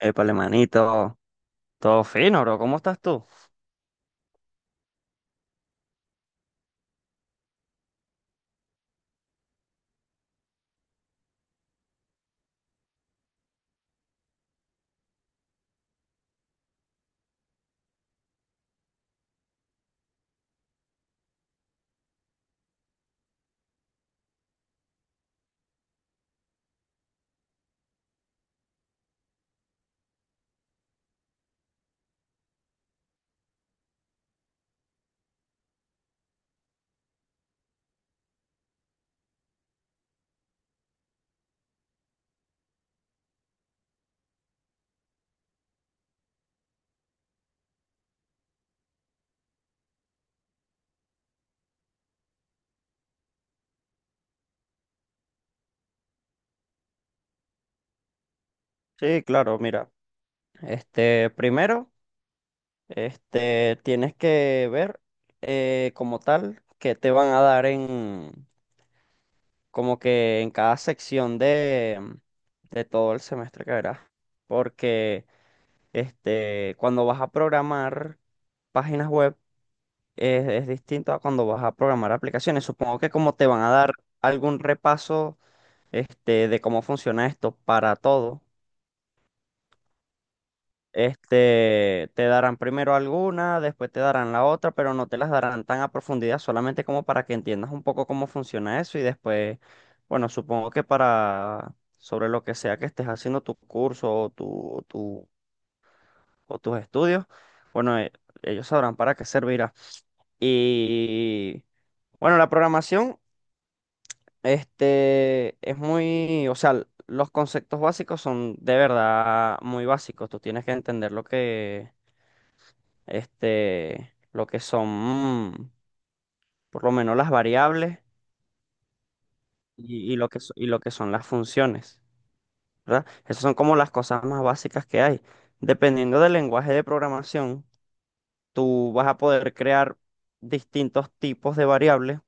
Épale, manito, todo fino, bro. ¿Cómo estás tú? Sí, claro, mira. Primero, tienes que ver como tal que te van a dar en, como que en cada sección de todo el semestre que verás. Porque, cuando vas a programar páginas web es distinto a cuando vas a programar aplicaciones. Supongo que como te van a dar algún repaso, de cómo funciona esto para todo. Te darán primero alguna, después te darán la otra, pero no te las darán tan a profundidad, solamente como para que entiendas un poco cómo funciona eso y después, bueno, supongo que para sobre lo que sea que estés haciendo tu curso o o tus estudios, bueno, ellos sabrán para qué servirá. Y bueno, la programación, es muy, o sea, los conceptos básicos son de verdad muy básicos, tú tienes que entender lo que lo que son, por lo menos las variables y lo que, y lo que son las funciones, ¿verdad? Esas son como las cosas más básicas que hay. Dependiendo del lenguaje de programación, tú vas a poder crear distintos tipos de variables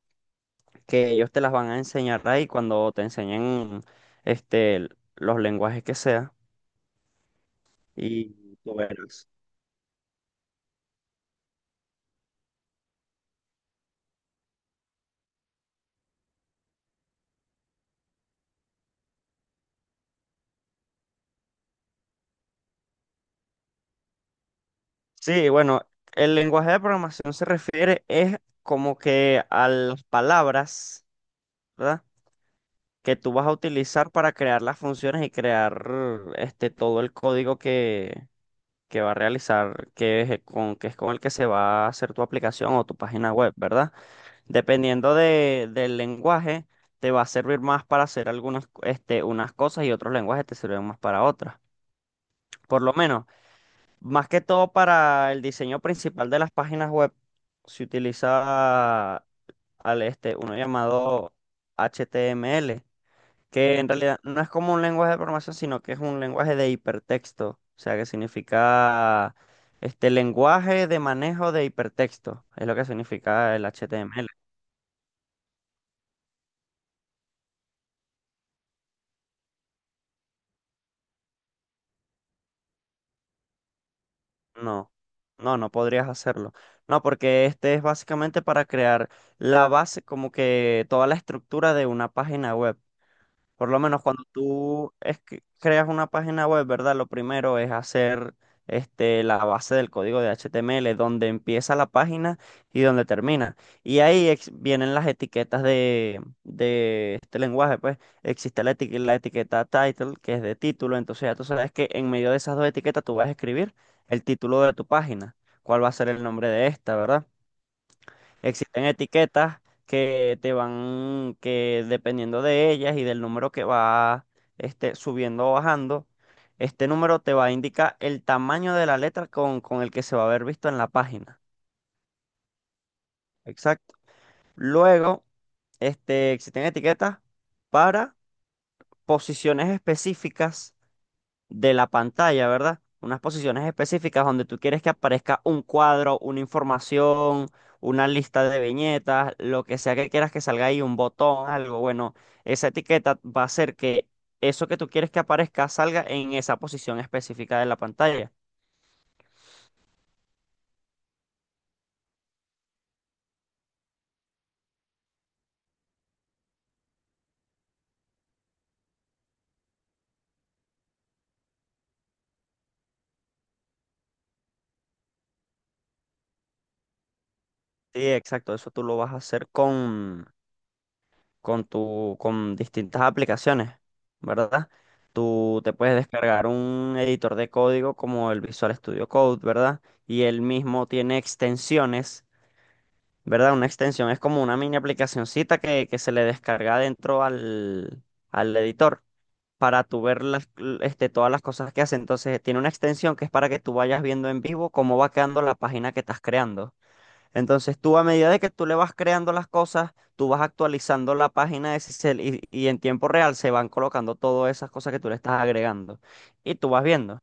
que ellos te las van a enseñar ahí cuando te enseñen este, l- los lenguajes que sea y tú verás. Sí, bueno, el lenguaje de programación se refiere es como que a las palabras. ¿Verdad? Que tú vas a utilizar para crear las funciones y crear este todo el código que va a realizar, que es el con, que es con el que se va a hacer tu aplicación o tu página web, ¿verdad? Dependiendo de, del lenguaje, te va a servir más para hacer algunas, unas cosas y otros lenguajes te sirven más para otras. Por lo menos, más que todo para el diseño principal de las páginas web, se utiliza al, uno llamado HTML, que en realidad no es como un lenguaje de programación, sino que es un lenguaje de hipertexto, o sea, que significa este lenguaje de manejo de hipertexto, es lo que significa el HTML. No, no, no podrías hacerlo. No, porque este es básicamente para crear la base, como que toda la estructura de una página web. Por lo menos cuando tú es que creas una página web, ¿verdad? Lo primero es hacer la base del código de HTML, donde empieza la página y donde termina. Y ahí vienen las etiquetas de este lenguaje, pues existe la, la etiqueta title, que es de título, entonces ya tú sabes que en medio de esas dos etiquetas tú vas a escribir el título de tu página, cuál va a ser el nombre de esta, ¿verdad? Existen etiquetas que te van, que dependiendo de ellas y del número que va subiendo o bajando, este número te va a indicar el tamaño de la letra con el que se va a haber visto en la página. Exacto. Luego, existen etiquetas para posiciones específicas de la pantalla, ¿verdad? Unas posiciones específicas donde tú quieres que aparezca un cuadro, una información, una lista de viñetas, lo que sea que quieras que salga ahí, un botón, algo. Bueno, esa etiqueta va a hacer que eso que tú quieres que aparezca salga en esa posición específica de la pantalla. Sí, exacto, eso tú lo vas a hacer con tu, con distintas aplicaciones, ¿verdad? Tú te puedes descargar un editor de código como el Visual Studio Code, ¿verdad? Y él mismo tiene extensiones, ¿verdad? Una extensión es como una mini aplicacioncita que se le descarga dentro al, al editor para tú ver las, todas las cosas que hace. Entonces, tiene una extensión que es para que tú vayas viendo en vivo cómo va quedando la página que estás creando. Entonces tú a medida de que tú le vas creando las cosas, tú vas actualizando la página de Sisel y en tiempo real se van colocando todas esas cosas que tú le estás agregando y tú vas viendo.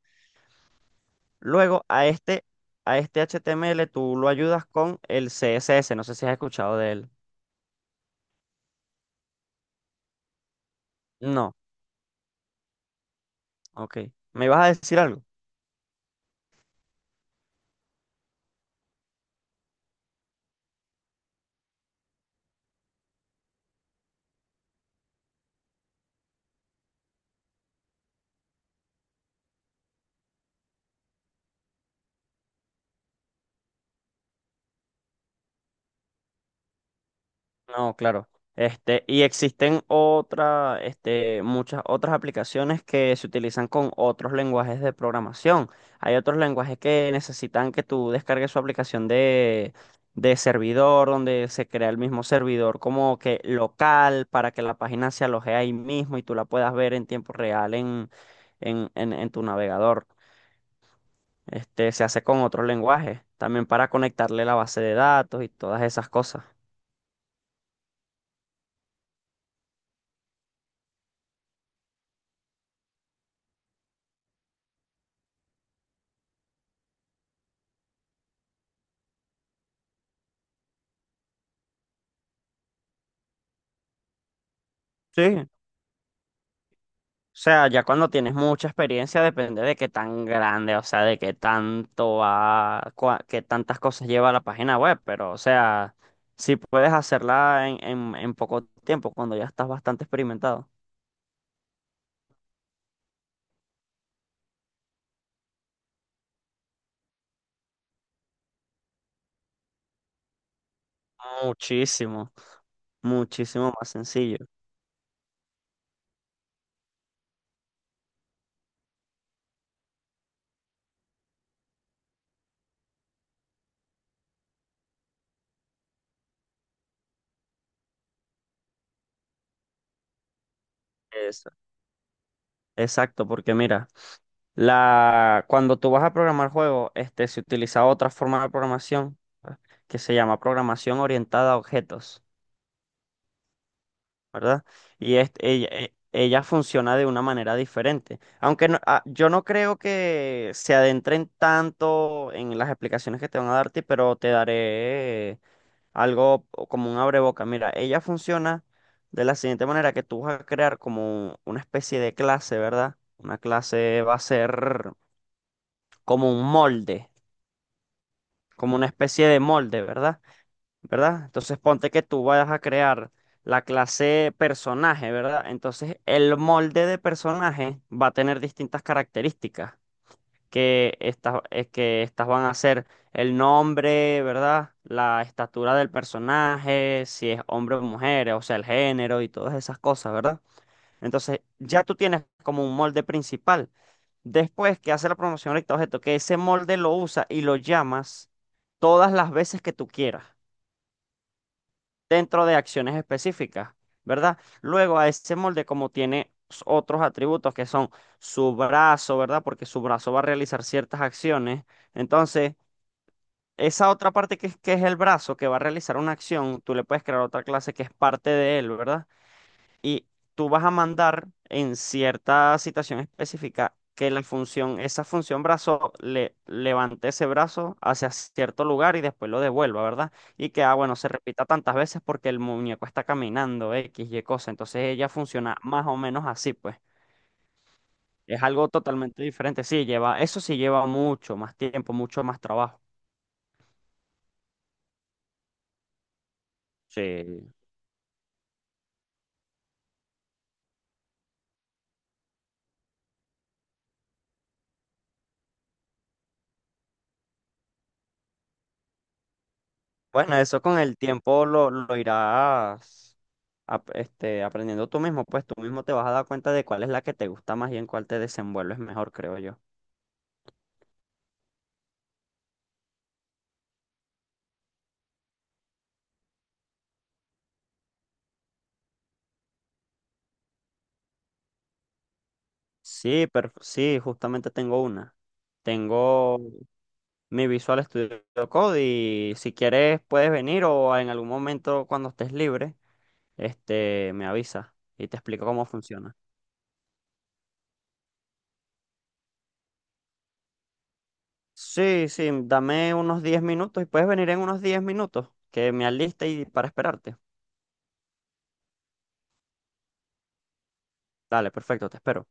Luego a a este HTML tú lo ayudas con el CSS, no sé si has escuchado de él. No, ok. ¿Me ibas a decir algo? No, claro. Y existen otra, muchas otras aplicaciones que se utilizan con otros lenguajes de programación. Hay otros lenguajes que necesitan que tú descargues su aplicación de servidor, donde se crea el mismo servidor como que local para que la página se aloje ahí mismo y tú la puedas ver en tiempo real en tu navegador. Se hace con otros lenguajes, también para conectarle la base de datos y todas esas cosas. Sí. O sea, ya cuando tienes mucha experiencia depende de qué tan grande, o sea, de qué tanto va, qué tantas cosas lleva la página web, pero o sea, si puedes hacerla en poco tiempo, cuando ya estás bastante experimentado. Muchísimo, muchísimo más sencillo. Eso. Exacto, porque mira, la, cuando tú vas a programar juegos, se utiliza otra forma de programación que se llama programación orientada a objetos. ¿Verdad? Y ella, ella funciona de una manera diferente. Aunque yo no creo que se adentren tanto en las explicaciones que te van a darte, pero te daré algo o como un abreboca. Mira, ella funciona de la siguiente manera, que tú vas a crear como una especie de clase, ¿verdad? Una clase va a ser como un molde, como una especie de molde, ¿verdad? Entonces ponte que tú vayas a crear la clase personaje, ¿verdad? Entonces el molde de personaje va a tener distintas características, que estas van a ser el nombre, ¿verdad? La estatura del personaje, si es hombre o mujer, o sea, el género y todas esas cosas, ¿verdad? Entonces ya tú tienes como un molde principal. Después que hace la promoción recta objeto, que ese molde lo usa y lo llamas todas las veces que tú quieras dentro de acciones específicas, ¿verdad? Luego a ese molde como tiene otros atributos que son su brazo, ¿verdad? Porque su brazo va a realizar ciertas acciones. Entonces, esa otra parte que, que es el brazo que va a realizar una acción, tú le puedes crear otra clase que es parte de él, ¿verdad? Y tú vas a mandar en cierta situación específica que la función, esa función brazo, le levante ese brazo hacia cierto lugar y después lo devuelva, ¿verdad? Y que, bueno, se repita tantas veces porque el muñeco está caminando, X, Y cosa. Entonces ella funciona más o menos así, pues. Es algo totalmente diferente. Sí, lleva, eso sí lleva mucho más tiempo, mucho más trabajo. Sí. Bueno, eso con el tiempo lo irás. Aprendiendo tú mismo, pues tú mismo te vas a dar cuenta de cuál es la que te gusta más y en cuál te desenvuelves mejor, creo yo. Sí, pero sí, justamente tengo una. Tengo mi Visual Studio Code y si quieres puedes venir o en algún momento cuando estés libre, me avisas y te explico cómo funciona. Sí, sí, dame unos 10 minutos y puedes venir en unos 10 minutos que me aliste y para esperarte. Dale, perfecto, te espero.